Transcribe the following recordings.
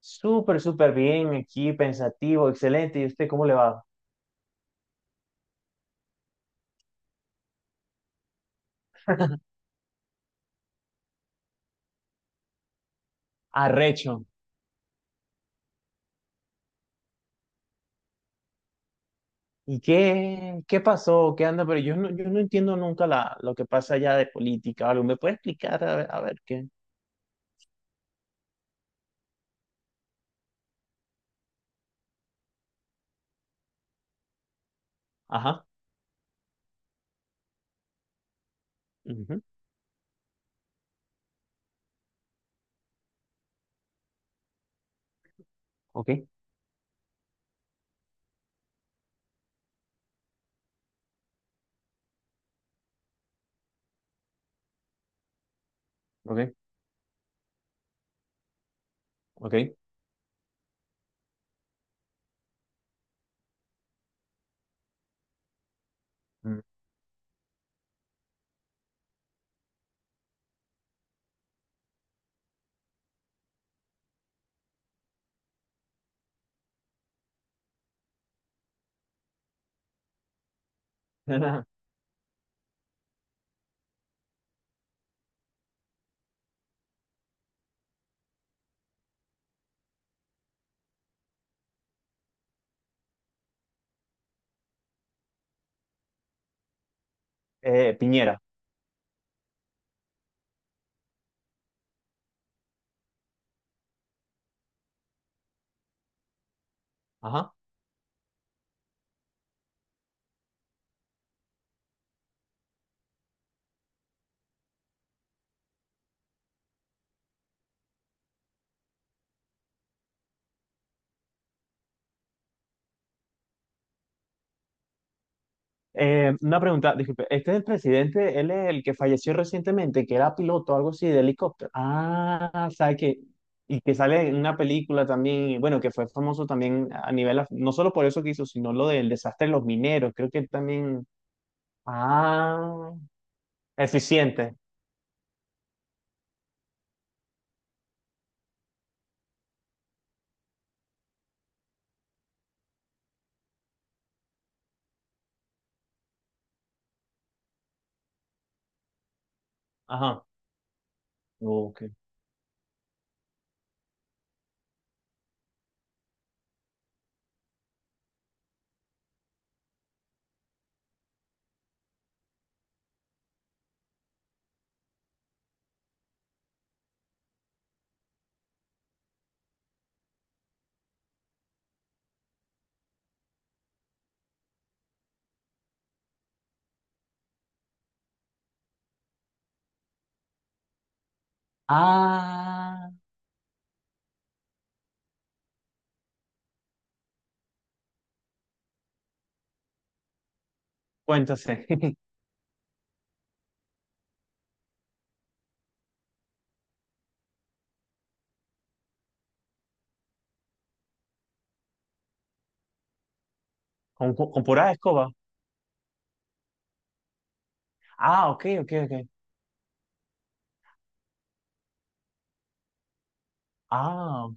Súper, súper bien aquí, pensativo, excelente. ¿Y usted cómo le va? Arrecho. ¿Y qué, qué pasó? ¿Qué anda? Pero yo no entiendo nunca lo que pasa allá de política o algo. ¿Me puede explicar? A ver qué. Ajá. Ujú. Ok, ok, ok. Mm. Piñera. Ajá. Una pregunta, disculpe, este es el presidente, él es el que falleció recientemente, que era piloto, algo así, de helicóptero. Ah, sabe que, y que sale en una película también, y bueno, que fue famoso también a nivel, no solo por eso que hizo, sino lo del desastre de los mineros, creo que también, ah, eficiente, ajá, ok. Ah, cuéntase. Con pura escoba. Ah, ok, ok, ok. Ah, ok.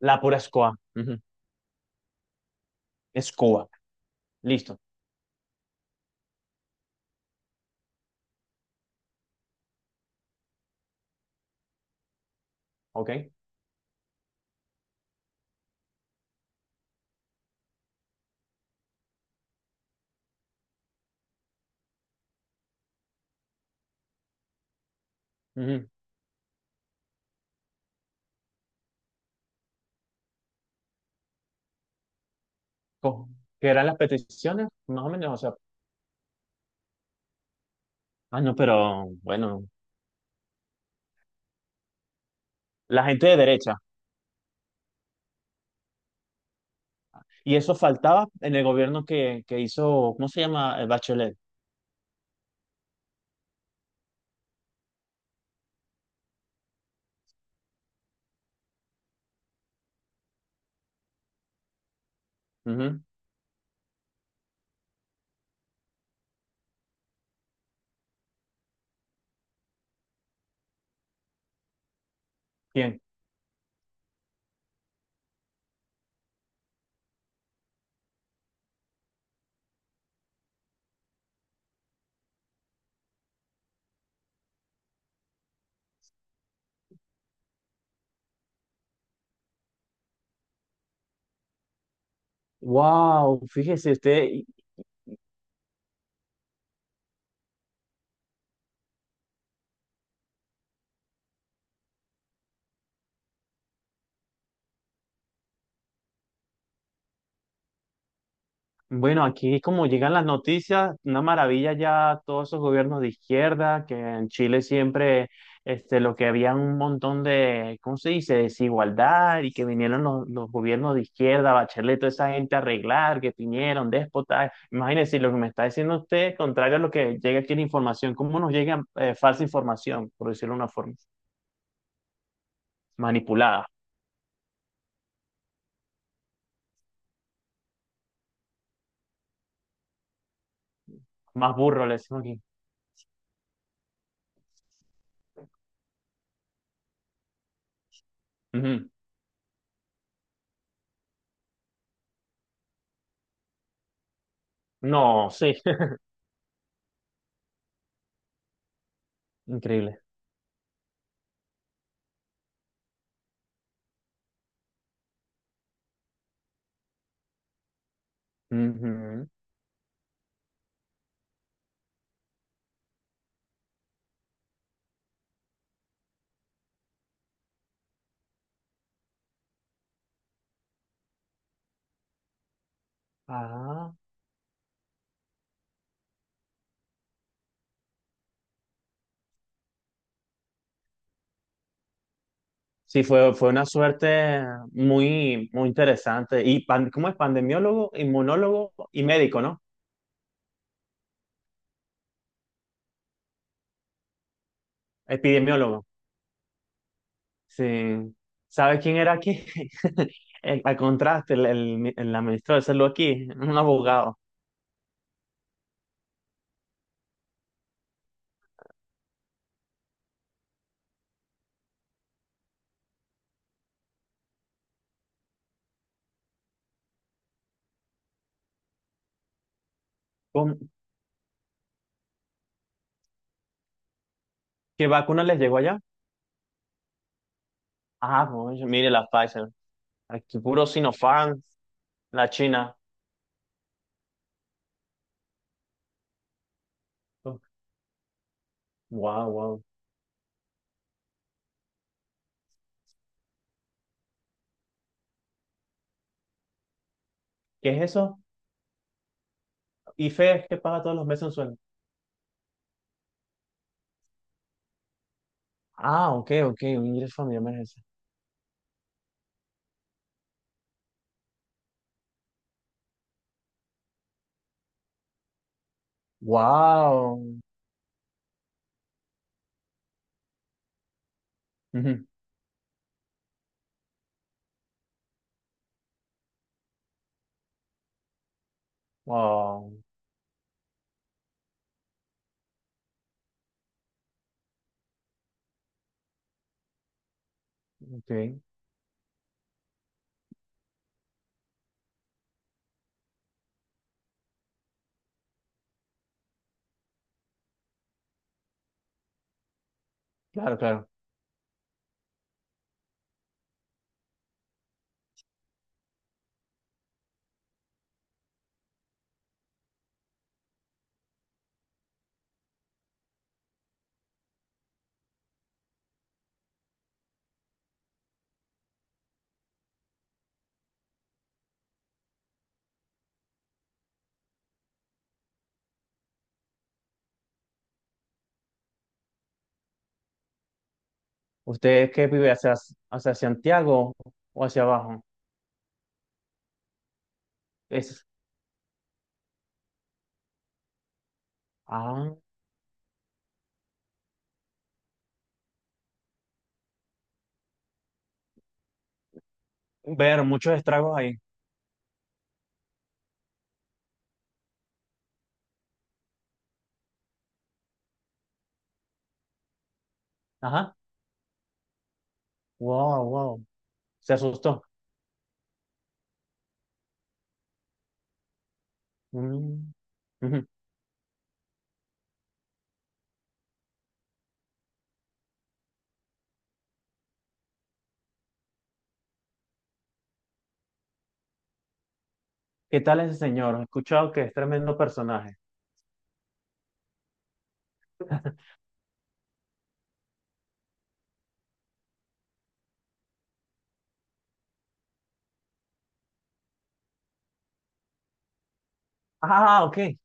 La pura escoba, ujú. Escoba, listo, ok. Ujú. co- ¿Que eran las peticiones, más o menos? O sea, ah, no, pero bueno, la gente de derecha. ¿Y eso faltaba en el gobierno que hizo? ¿Cómo se llama? El Bachelet. Ujú. Bien. Wow, fíjese usted. Bueno, aquí como llegan las noticias, una maravilla ya todos esos gobiernos de izquierda, que en Chile siempre este, lo que había un montón de, ¿cómo se dice?, desigualdad, y que vinieron los gobiernos de izquierda, Bachelet, toda esa gente a arreglar, que vinieron, déspotas. Imagínense lo que me está diciendo usted, contrario a lo que llega aquí en información, ¿cómo nos llega falsa información?, por decirlo de una forma, manipulada, más burro le decimos aquí. Ujú. No, sí. Increíble. Ujú. Ah. Sí, fue, fue una suerte muy, muy interesante. Y ¿cómo es? Pandemiólogo, inmunólogo y médico, ¿no? Epidemiólogo. Sí. ¿Sabes quién era aquí? Al contraste, el administrador de salud aquí, un abogado. ¿Cómo- ¿Qué vacuna les llegó allá? Ah, pues, mire, la Pfizer. Aquí puro Sinopharm, la China. Wow, wow. ¿Qué es eso? IFE es que paga todos los meses un sueldo. Ah, ok, ok, un ingreso familiar de emergencia. Wow. Wow, ok, claro, claro. ¿Usted qué vive hacia, hacia Santiago o hacia abajo? Es, ah, ver muchos estragos ahí. Ajá, wow, wow, se asustó. Mm, ujú. ¿Qué tal ese señor? He escuchado que es tremendo personaje. Ah, ok.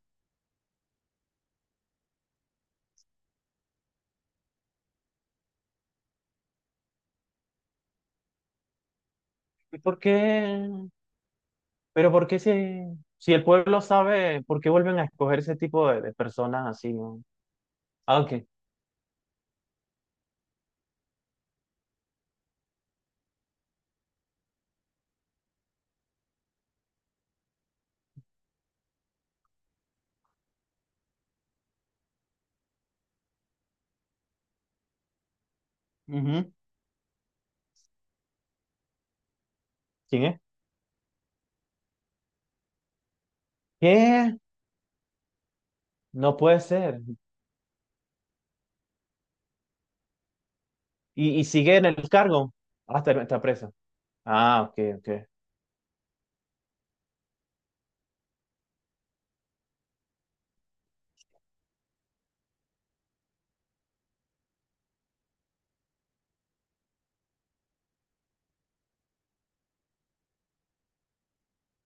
¿Y por qué? Pero ¿por qué si, si el pueblo sabe, por qué vuelven a escoger ese tipo de personas así, no? Ah, ok. Ujú. ¿Quién es? ¿Qué? No puede ser. Y sigue en el cargo. Ah, está, está preso. Ah, ok, ok.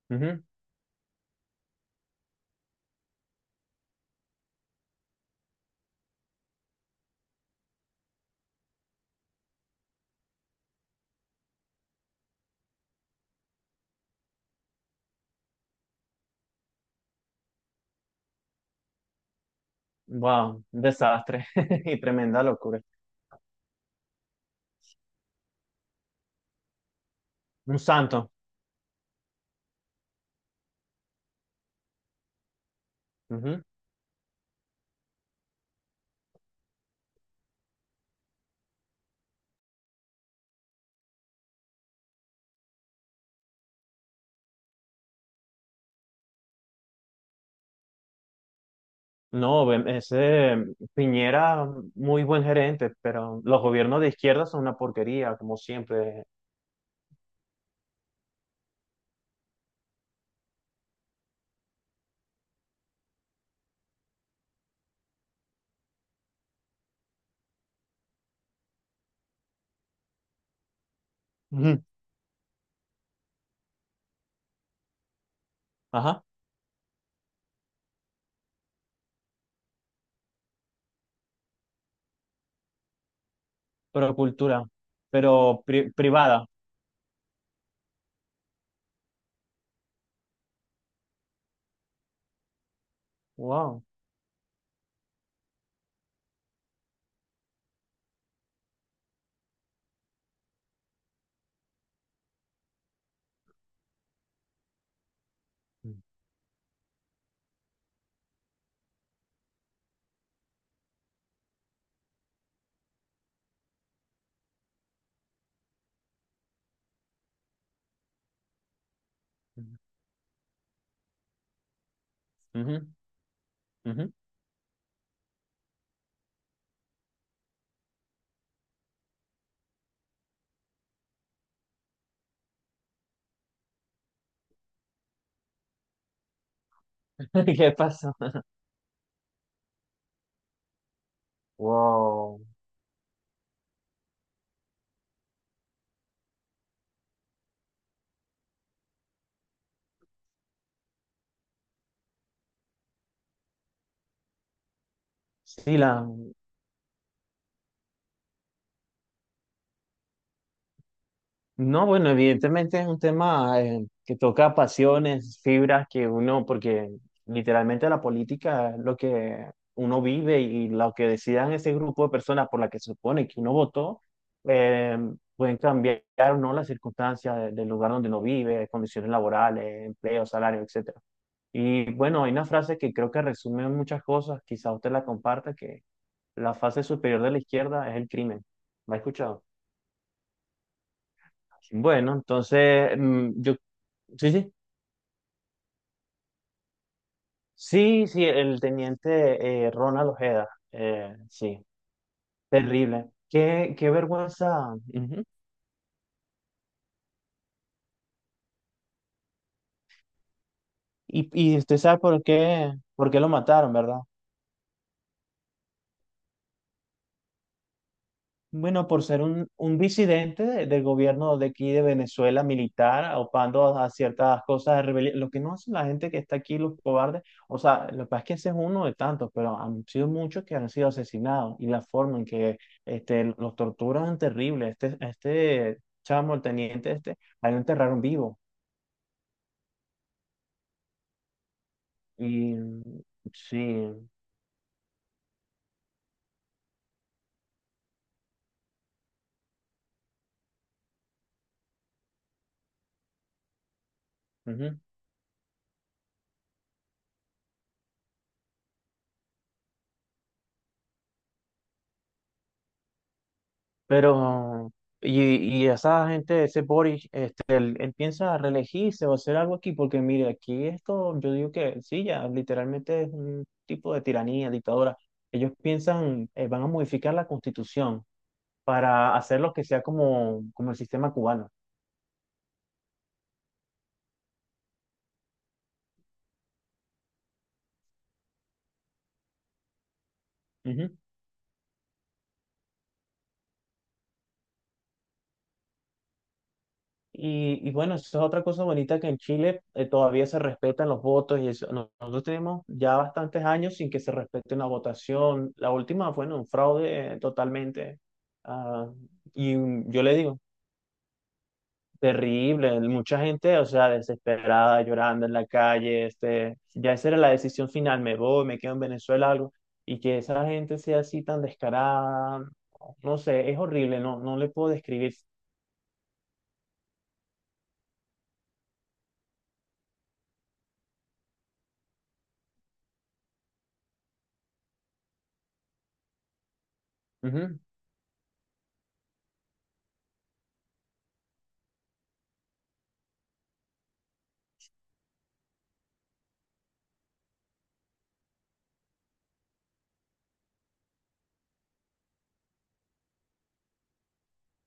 Ujú. Wow, un desastre. Y tremenda locura. Un santo. Ujú. No, ese mm, Piñera, mm, muy buen gerente, pero los gobiernos de izquierda son una porquería, como siempre. Ujú. Ajá, pero cultura, pero privada. Wow. Ujú, ujú. ¿Qué pasó? Wow. Sí, la, No, bueno, evidentemente es un tema que toca pasiones, fibras que uno, porque literalmente la política es lo que uno vive, y lo que decidan ese grupo de personas por la que se supone que uno votó, eh, pueden cambiar o no las circunstancias del lugar donde uno vive, condiciones laborales, empleo, salario, etcétera. Y bueno, hay una frase que creo que resume muchas cosas, quizá usted la comparta, que la fase superior de la izquierda es el crimen. ¿La ha escuchado? Bueno, entonces, mm, yo, sí, sí, sí, sí, el teniente Ronald Ojeda, sí, terrible. Qué, qué vergüenza. Ujú. Y, y usted sabe por qué lo mataron, ¿verdad? Bueno, por ser un disidente del gobierno de aquí de Venezuela, militar, opando a ciertas cosas de rebelión, lo que no hace la gente que está aquí, los cobardes. O sea, lo que pasa es que ese es uno de tantos, pero han sido muchos que han sido asesinados, y la forma en que este, los torturan es terrible. Este chamo, el teniente este, a él lo enterraron vivo y mm, sí. Ujú. Pero, y, y esa gente, ese Boris, este, él piensa reelegirse o hacer algo aquí, porque mire, aquí esto, yo digo que sí, ya literalmente es un tipo de tiranía, dictadura. Ellos piensan, van a modificar la constitución para hacer lo que sea como, como el sistema cubano. Y bueno, eso es otra cosa bonita que en Chile todavía se respetan los votos y eso. Nosotros tenemos ya bastantes años sin que se respete una votación. La última fue en un fraude totalmente. Ah, y mm, yo le digo, terrible. Mucha gente, o sea, desesperada, llorando en la calle. Este, ya esa era la decisión final. Me voy, me quedo en Venezuela, algo. Y que esa gente sea así tan descarada, no sé, es horrible. No, no le puedo describir.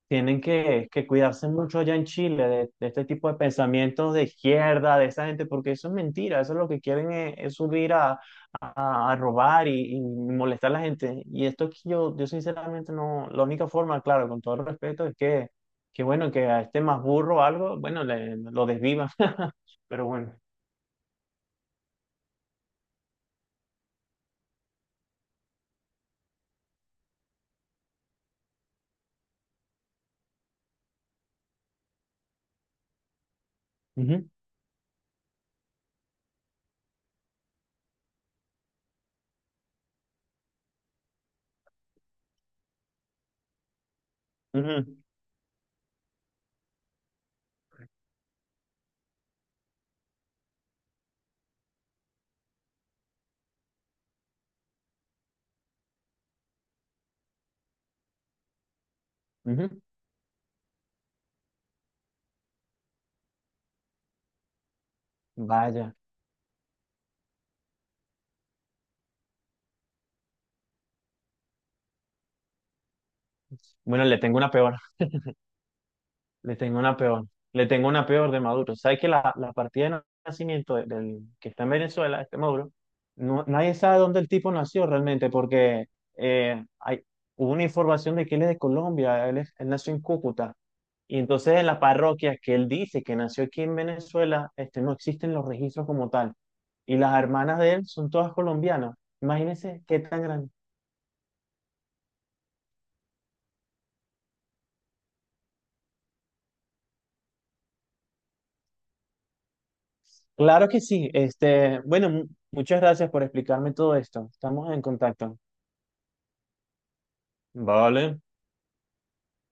Tienen que cuidarse mucho allá en Chile de este tipo de pensamientos de izquierda, de esa gente, porque eso es mentira, eso es lo que quieren es subir a, a robar y molestar a la gente. Y esto que yo sinceramente no, la única forma, claro, con todo el respeto, es que bueno, que a este más burro o algo, bueno, lo desvivan, pero bueno. Ujú, ujú, ujú. Vaya. Bueno, le tengo una peor. Le tengo una peor. Le tengo una peor de Maduro. ¿Sabes que la partida de nacimiento del que está en Venezuela, este Maduro, no, nadie sabe dónde el tipo nació realmente? Porque eh, hay, hubo una información de que él es de Colombia, él, él nació en Cúcuta. Y entonces en la parroquia que él dice que nació aquí en Venezuela, este, no existen los registros como tal. Y las hermanas de él son todas colombianas. Imagínense qué tan grande. Claro que sí. Este, bueno, muchas gracias por explicarme todo esto. Estamos en contacto. Vale.